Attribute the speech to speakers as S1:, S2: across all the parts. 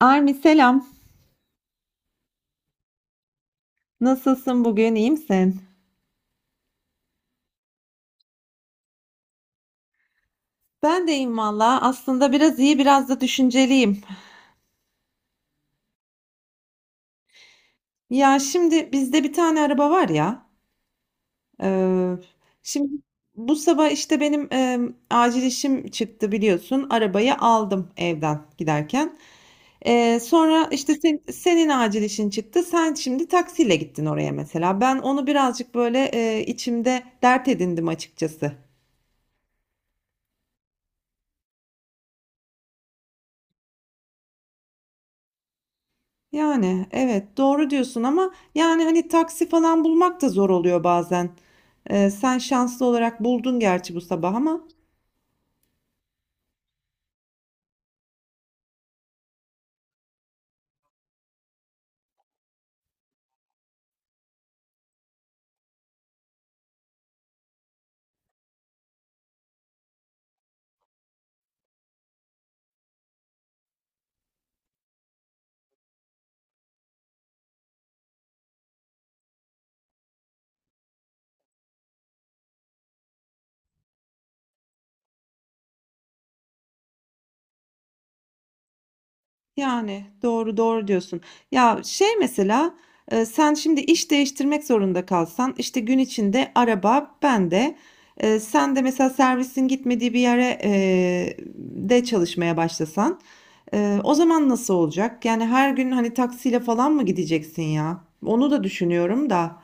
S1: Armi selam. Nasılsın bugün? İyi misin? Ben de iyiyim valla. Aslında biraz iyi, biraz da düşünceliyim. Ya şimdi bizde bir tane araba var ya. Ee, şimdi bu sabah işte benim acil işim çıktı biliyorsun. Arabayı aldım evden giderken. Sonra işte senin acil işin çıktı. Sen şimdi taksiyle gittin oraya mesela. Ben onu birazcık böyle içimde dert edindim açıkçası. Yani evet doğru diyorsun ama yani hani taksi falan bulmak da zor oluyor bazen. Sen şanslı olarak buldun gerçi bu sabah ama yani doğru doğru diyorsun. Ya şey mesela sen şimdi iş değiştirmek zorunda kalsan işte gün içinde araba bende. Sen de mesela servisin gitmediği bir yere de çalışmaya başlasan o zaman nasıl olacak? Yani her gün hani taksiyle falan mı gideceksin ya? Onu da düşünüyorum da.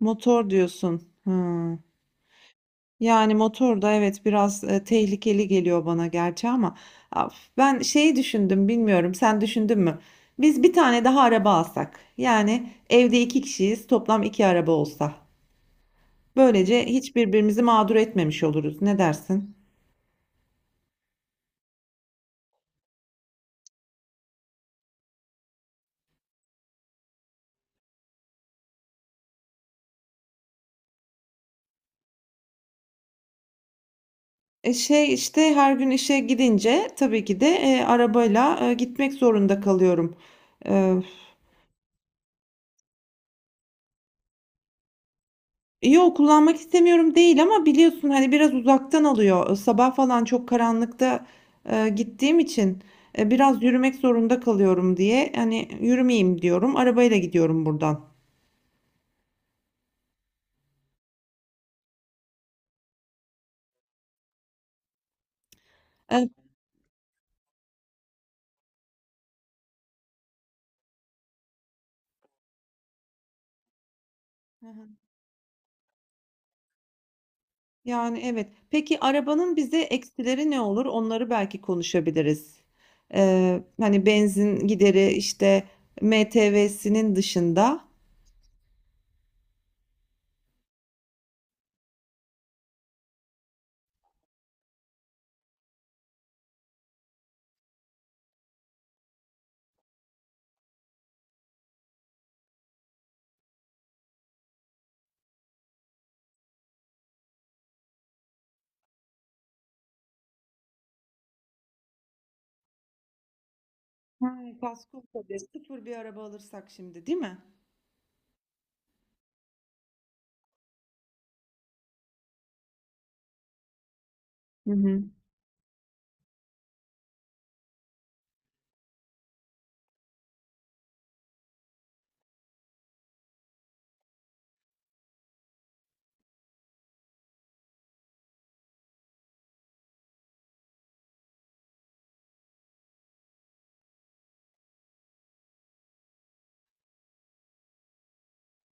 S1: Motor diyorsun. Hıı. Yani motor da evet biraz, tehlikeli geliyor bana gerçi ama af ben şeyi düşündüm, bilmiyorum sen düşündün mü? Biz bir tane daha araba alsak, yani evde 2 kişiyiz, toplam 2 araba olsa. Böylece hiç birbirimizi mağdur etmemiş oluruz. Ne dersin? Şey, işte, her gün işe gidince tabii ki de, arabayla, gitmek zorunda kalıyorum. Eee Yo, kullanmak istemiyorum değil ama biliyorsun hani biraz uzaktan alıyor. Sabah falan çok karanlıkta gittiğim için biraz yürümek zorunda kalıyorum diye. Hani yürümeyeyim diyorum. Arabayla gidiyorum buradan. Hı hı. Yani, evet. Peki, arabanın bize eksileri ne olur? Onları belki konuşabiliriz. Hani, benzin gideri, işte, MTV'sinin dışında. Ha, kasko tabii. Sıfır bir araba alırsak şimdi, değil mi? Hı hı.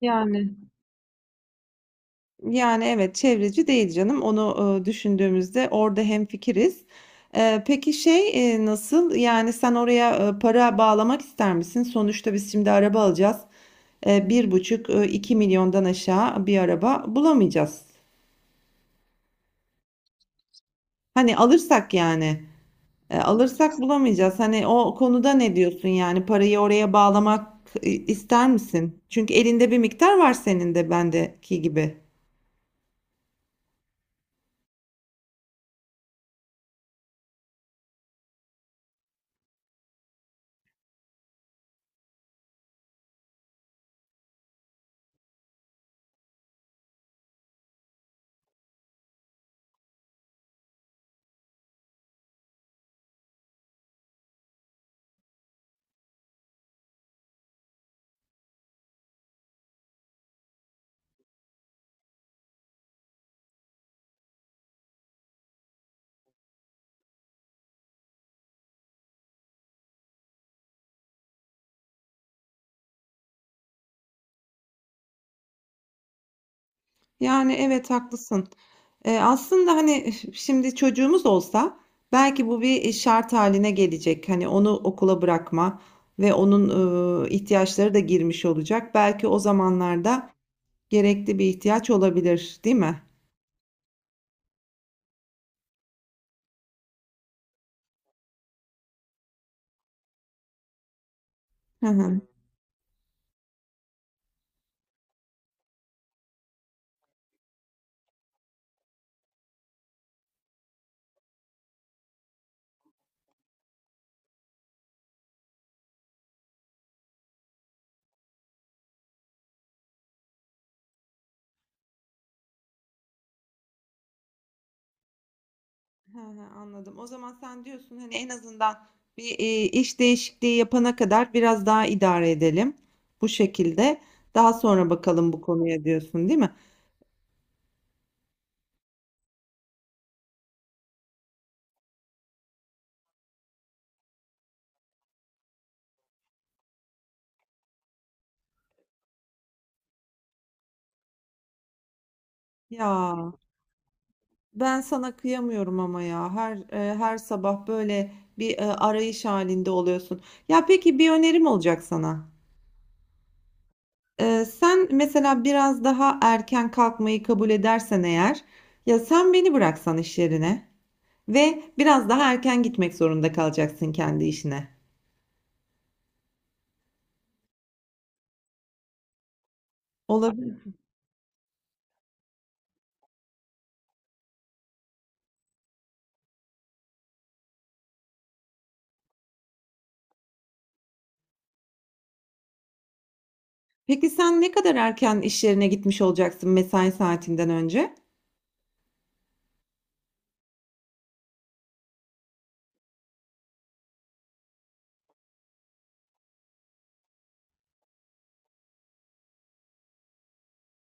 S1: Yani. Yani, evet, çevreci değil canım. Onu, düşündüğümüzde orada hemfikiriz. Peki şey, nasıl? Yani, sen oraya, para bağlamak ister misin? Sonuçta biz şimdi araba alacağız. 1,5, 2 milyondan aşağı bir araba bulamayacağız. Hani, alırsak yani, alırsak bulamayacağız. Hani, o konuda ne diyorsun? Yani, parayı oraya bağlamak, ister misin? Çünkü elinde bir miktar var senin de bendeki gibi. Yani evet haklısın. Aslında hani şimdi çocuğumuz olsa belki bu bir şart haline gelecek. Hani onu okula bırakma ve onun ihtiyaçları da girmiş olacak. Belki o zamanlarda gerekli bir ihtiyaç olabilir, değil mi? Hı hı. Hı hı, anladım. O zaman sen diyorsun hani en azından bir iş değişikliği yapana kadar biraz daha idare edelim bu şekilde. Daha sonra bakalım bu konuya diyorsun, değil mi? Ya. Ben sana kıyamıyorum ama ya her sabah böyle bir arayış halinde oluyorsun. Ya peki bir önerim olacak sana. Sen mesela biraz daha erken kalkmayı kabul edersen eğer, ya sen beni bıraksan iş yerine ve biraz daha erken gitmek zorunda kalacaksın kendi işine. Olabilir. Peki sen ne kadar erken iş yerine gitmiş olacaksın mesai saatinden önce?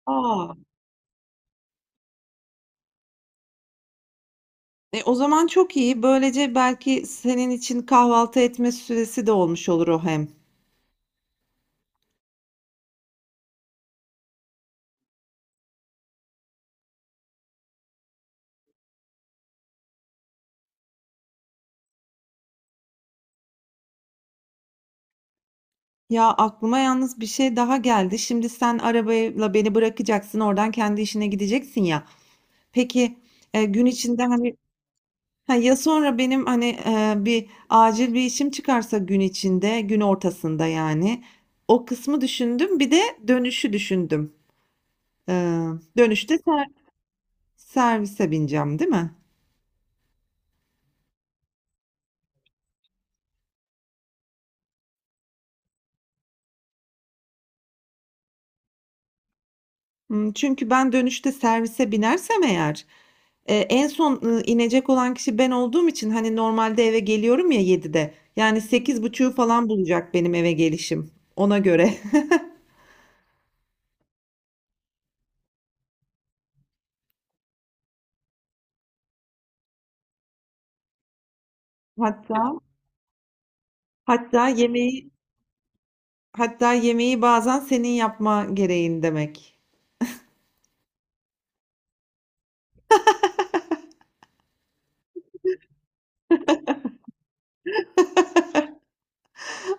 S1: Aa, o zaman çok iyi. Böylece belki senin için kahvaltı etme süresi de olmuş olur o hem. Ya aklıma yalnız bir şey daha geldi. Şimdi sen arabayla beni bırakacaksın, oradan kendi işine gideceksin ya. Peki gün içinde hani ha, ya sonra benim hani bir acil bir işim çıkarsa gün içinde, gün ortasında yani. O kısmı düşündüm. Bir de dönüşü düşündüm. E, dönüşte servise bineceğim, değil mi? Çünkü ben dönüşte servise binersem eğer. En son inecek olan kişi ben olduğum için hani normalde eve geliyorum ya 7'de. Yani 8.30'u falan bulacak benim eve gelişim. Ona göre. Hatta hatta yemeği hatta yemeği bazen senin yapma gereğin demek.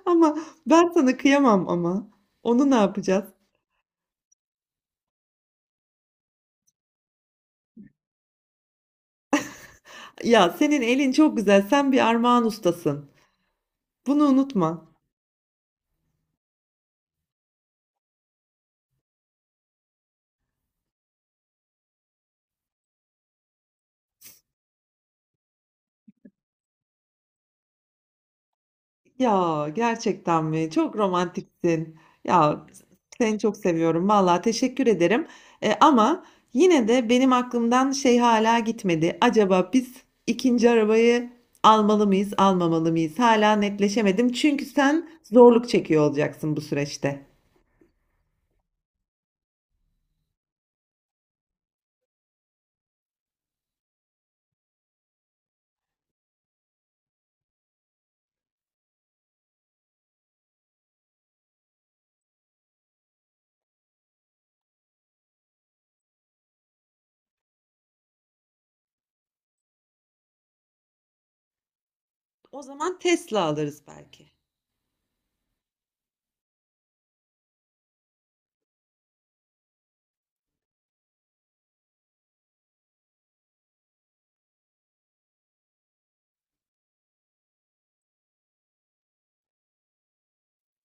S1: Ama ben sana kıyamam ama. Onu ne yapacağız? Ya senin elin çok güzel. Sen bir armağan ustasın. Bunu unutma. Ya, gerçekten mi? Çok romantiksin. Ya, seni çok seviyorum. Vallahi teşekkür ederim. Ama yine de benim aklımdan şey hala gitmedi. Acaba biz ikinci arabayı almalı mıyız, almamalı mıyız? Hâlâ netleşemedim. Çünkü sen zorluk çekiyor olacaksın bu süreçte. O zaman Tesla alırız belki.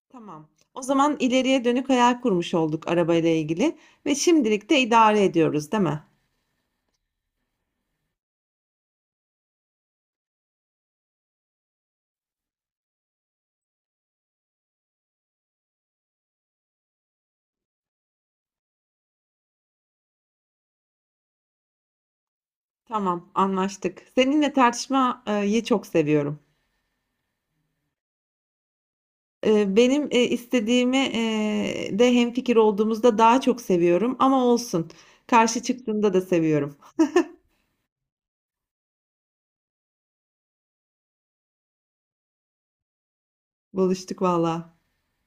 S1: Tamam. O zaman ileriye dönük hayal kurmuş olduk arabayla ilgili ve şimdilik de idare ediyoruz, değil mi? Tamam, anlaştık. Seninle tartışmayı çok seviyorum. Benim istediğimi de hemfikir olduğumuzda daha çok seviyorum ama olsun. Karşı çıktığında da seviyorum. Buluştuk valla.